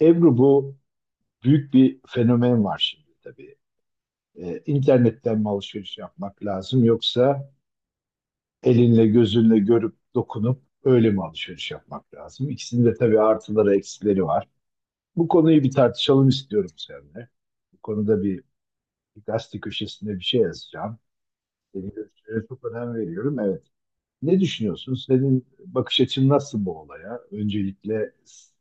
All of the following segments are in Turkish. Ebru bu büyük bir fenomen var şimdi tabii. İnternetten mi alışveriş yapmak lazım yoksa elinle gözünle görüp dokunup öyle mi alışveriş yapmak lazım? İkisinin de tabii artıları eksileri var. Bu konuyu bir tartışalım istiyorum seninle. Bu konuda bir gazete köşesinde bir şey yazacağım. Senin görüşlerine çok önem veriyorum. Evet. Ne düşünüyorsun? Senin bakış açın nasıl bu olaya? Öncelikle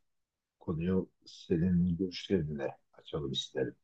konuyu senin görüşlerinle açalım isterim.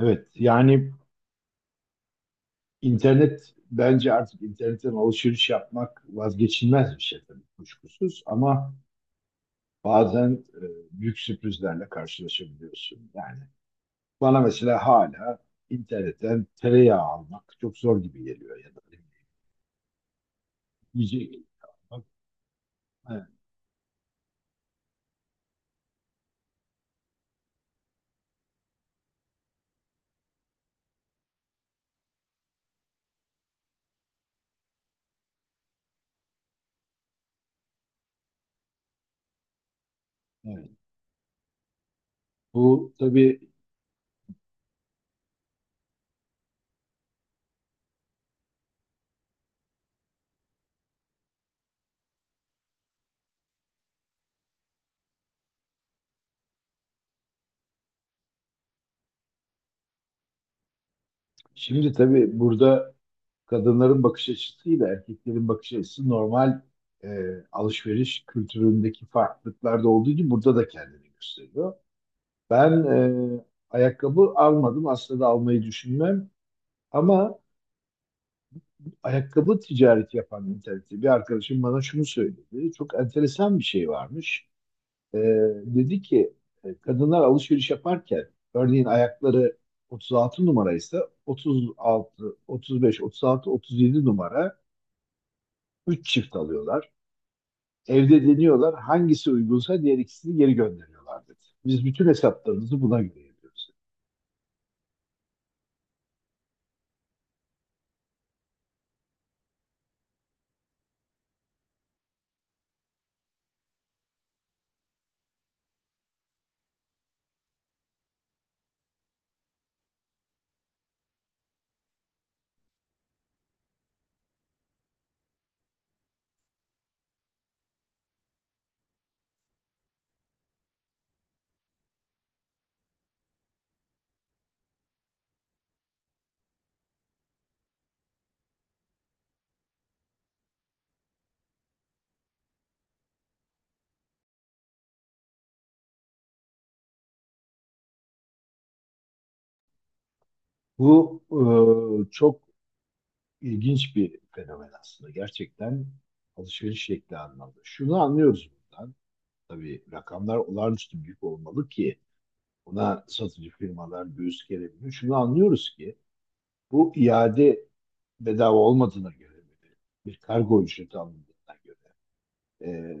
Evet, yani İnternet bence artık internetten alışveriş yapmak vazgeçilmez bir şey tabii kuşkusuz ama bazen büyük sürprizlerle karşılaşabiliyorsun. Yani bana mesela hala internetten tereyağı almak çok zor gibi geliyor ya da ne bileyim, yiyecek almak. Evet, evet. Bu tabii şimdi tabii burada kadınların bakış açısıyla erkeklerin bakış açısı normal e, alışveriş kültüründeki farklılıklarda olduğu gibi burada da kendini gösteriyor. Ben e, ayakkabı almadım. Aslında da almayı düşünmem. Ama ayakkabı ticareti yapan internette bir arkadaşım bana şunu söyledi. Çok enteresan bir şey varmış. E, Dedi ki kadınlar alışveriş yaparken örneğin ayakları 36 numaraysa 36, 35, 36, 37 numara 3 çift alıyorlar. Evde deniyorlar. Hangisi uygunsa diğer ikisini geri gönderiyorlar dedi. Biz bütün hesaplarımızı buna göre yapıyoruz. Bu çok ilginç bir fenomen aslında. Gerçekten alışveriş şekli anlamda. Şunu anlıyoruz buradan. Tabii rakamlar olağanüstü büyük olmalı ki buna satıcı firmalar göğüs gerebiliyor. Şunu anlıyoruz ki bu iade bedava olmadığına göre bir kargo ücreti alındığına göre e,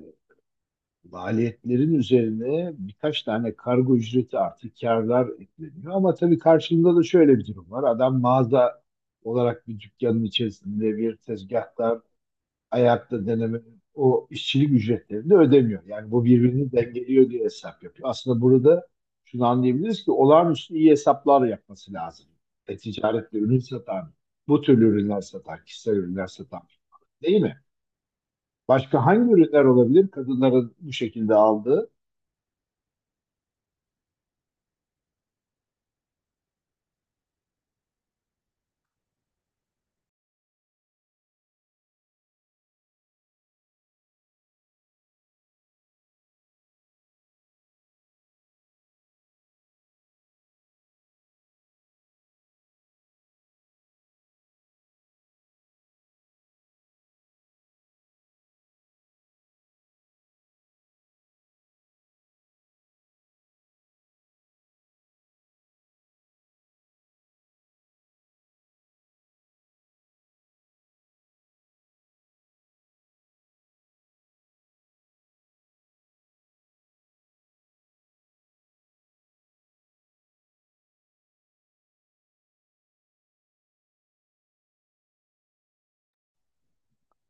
maliyetlerin üzerine birkaç tane kargo ücreti artı karlar ekleniyor. Ama tabii karşılığında da şöyle bir durum var. Adam mağaza olarak bir dükkanın içerisinde bir tezgahtar ayakta deneme o işçilik ücretlerini de ödemiyor. Yani bu birbirini dengeliyor diye hesap yapıyor. Aslında burada şunu anlayabiliriz ki olağanüstü iyi hesaplar yapması lazım. Ticaretle ürün satan, bu türlü ürünler satan, kişisel ürünler satan, değil mi? Başka hangi ürünler olabilir kadınların bu şekilde aldığı?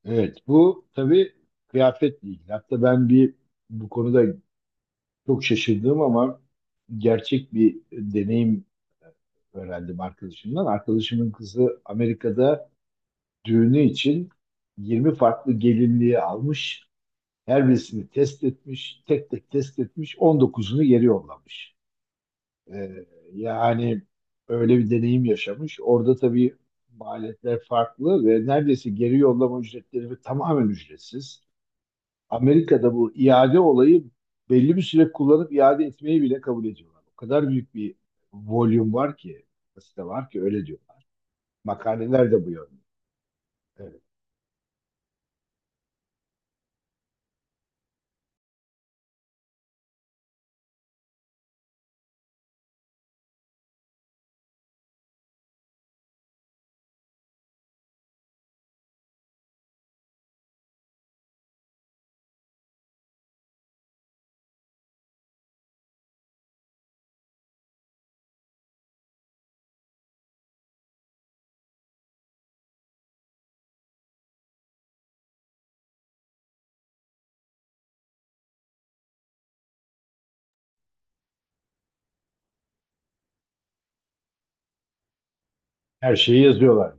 Evet, bu tabii kıyafetle ilgili. Hatta ben bir bu konuda çok şaşırdım ama gerçek bir deneyim öğrendim arkadaşımdan. Arkadaşımın kızı Amerika'da düğünü için 20 farklı gelinliği almış. Her birisini test etmiş, tek tek test etmiş, 19'unu geri yollamış. Ee, Yani öyle bir deneyim yaşamış. Orada tabii maliyetler farklı ve neredeyse geri yollama ücretleri tamamen ücretsiz. Amerika'da bu iade olayı belli bir süre kullanıp iade etmeyi bile kabul ediyorlar. O kadar büyük bir volüm var ki, site var ki öyle diyorlar. Makaleler de bu yönde. Evet. Her şeyi yazıyorlar.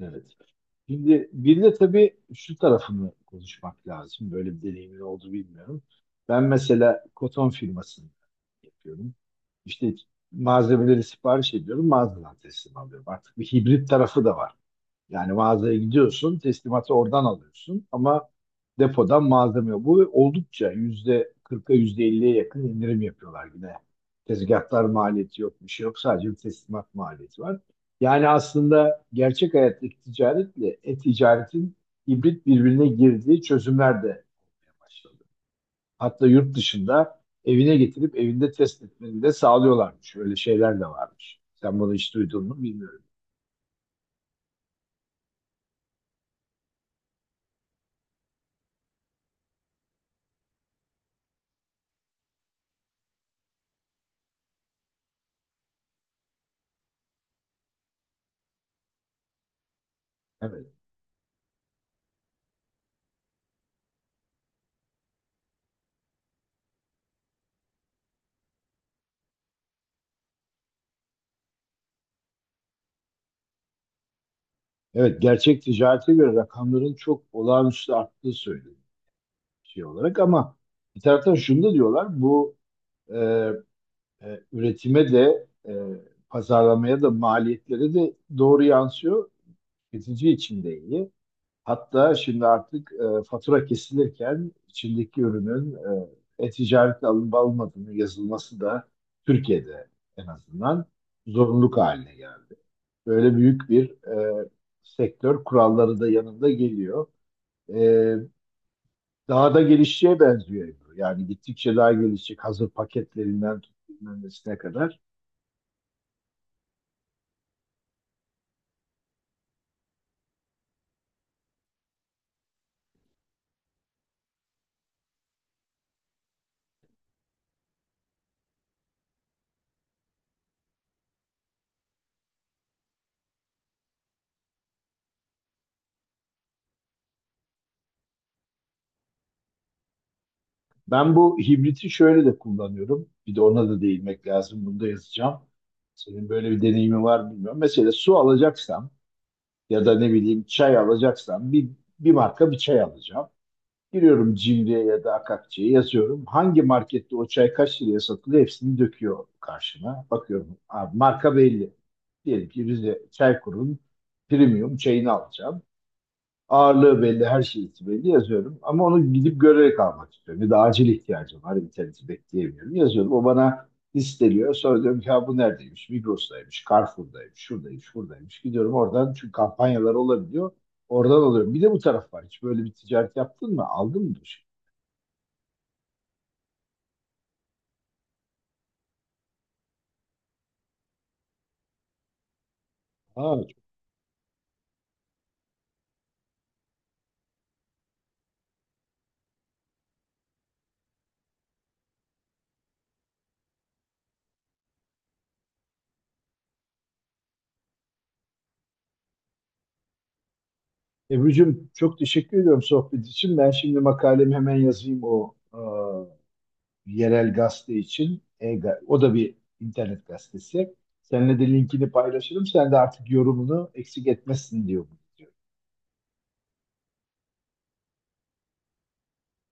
Evet. Şimdi bir de tabii şu tarafını konuşmak lazım. Böyle bir deneyimin oldu bilmiyorum. Ben mesela koton firmasını yapıyorum. İşte malzemeleri sipariş ediyorum, mağazadan teslim alıyorum. Artık bir hibrit tarafı da var. Yani mağazaya gidiyorsun, teslimatı oradan alıyorsun ama depodan malzeme yok. Bu oldukça yüzde 40'a yüzde 50'ye yakın indirim yapıyorlar yine. Tezgahlar maliyeti yok, bir şey yok. Sadece bir teslimat maliyeti var. Yani aslında gerçek hayattaki ticaretle e-ticaretin hibrit birbirine girdiği çözümler de başladı. Hatta yurt dışında evine getirip evinde test etmeni de sağlıyorlarmış. Öyle şeyler de varmış. Sen bunu hiç duydun mu bilmiyorum. Evet. Evet, gerçek ticarete göre rakamların çok olağanüstü arttığı söyleniyor şey olarak ama bir taraftan şunu da diyorlar, bu e, üretime de pazarlamaya da maliyetlere de doğru yansıyor. Tüketici için de iyi. Hatta şimdi artık fatura kesilirken içindeki ürünün e-ticaretle alınıp alınmadığının yazılması da Türkiye'de en azından zorunluluk haline geldi. Böyle büyük bir e, sektör kuralları da yanında geliyor. E, Daha da gelişeceğe benziyor Ebru. Yani gittikçe daha gelişecek hazır paketlerinden tut bilmem nesine kadar. Ben bu hibriti şöyle de kullanıyorum. Bir de ona da değinmek lazım. Bunu da yazacağım. Senin böyle bir deneyimi var mı bilmiyorum. Mesela su alacaksam ya da ne bileyim çay alacaksam bir marka bir çay alacağım. Giriyorum Cimri'ye ya da Akakçe'ye yazıyorum. Hangi markette o çay kaç liraya satılıyor hepsini döküyor karşıma. Bakıyorum abi marka belli. Diyelim ki Rize Çaykur'un premium çayını alacağım. Ağırlığı belli, her şeysi belli yazıyorum. Ama onu gidip görerek almak istiyorum. Ya da acil ihtiyacım var, interneti bekleyemiyorum. Yazıyorum, o bana listeliyor. Sonra diyorum ki ha bu neredeymiş? Migros'taymış, Carrefour'daymış, şuradaymış, buradaymış. Gidiyorum oradan çünkü kampanyalar olabiliyor. Oradan alıyorum. Bir de bu taraf var. Hiç böyle bir ticaret yaptın mı? Aldın mı bir şey? Ha, Ebru'cum çok teşekkür ediyorum sohbet için. Ben şimdi makalemi hemen yazayım o yerel gazete için. O da bir internet gazetesi. Seninle de linkini paylaşırım. Sen de artık yorumunu eksik etmezsin diyor.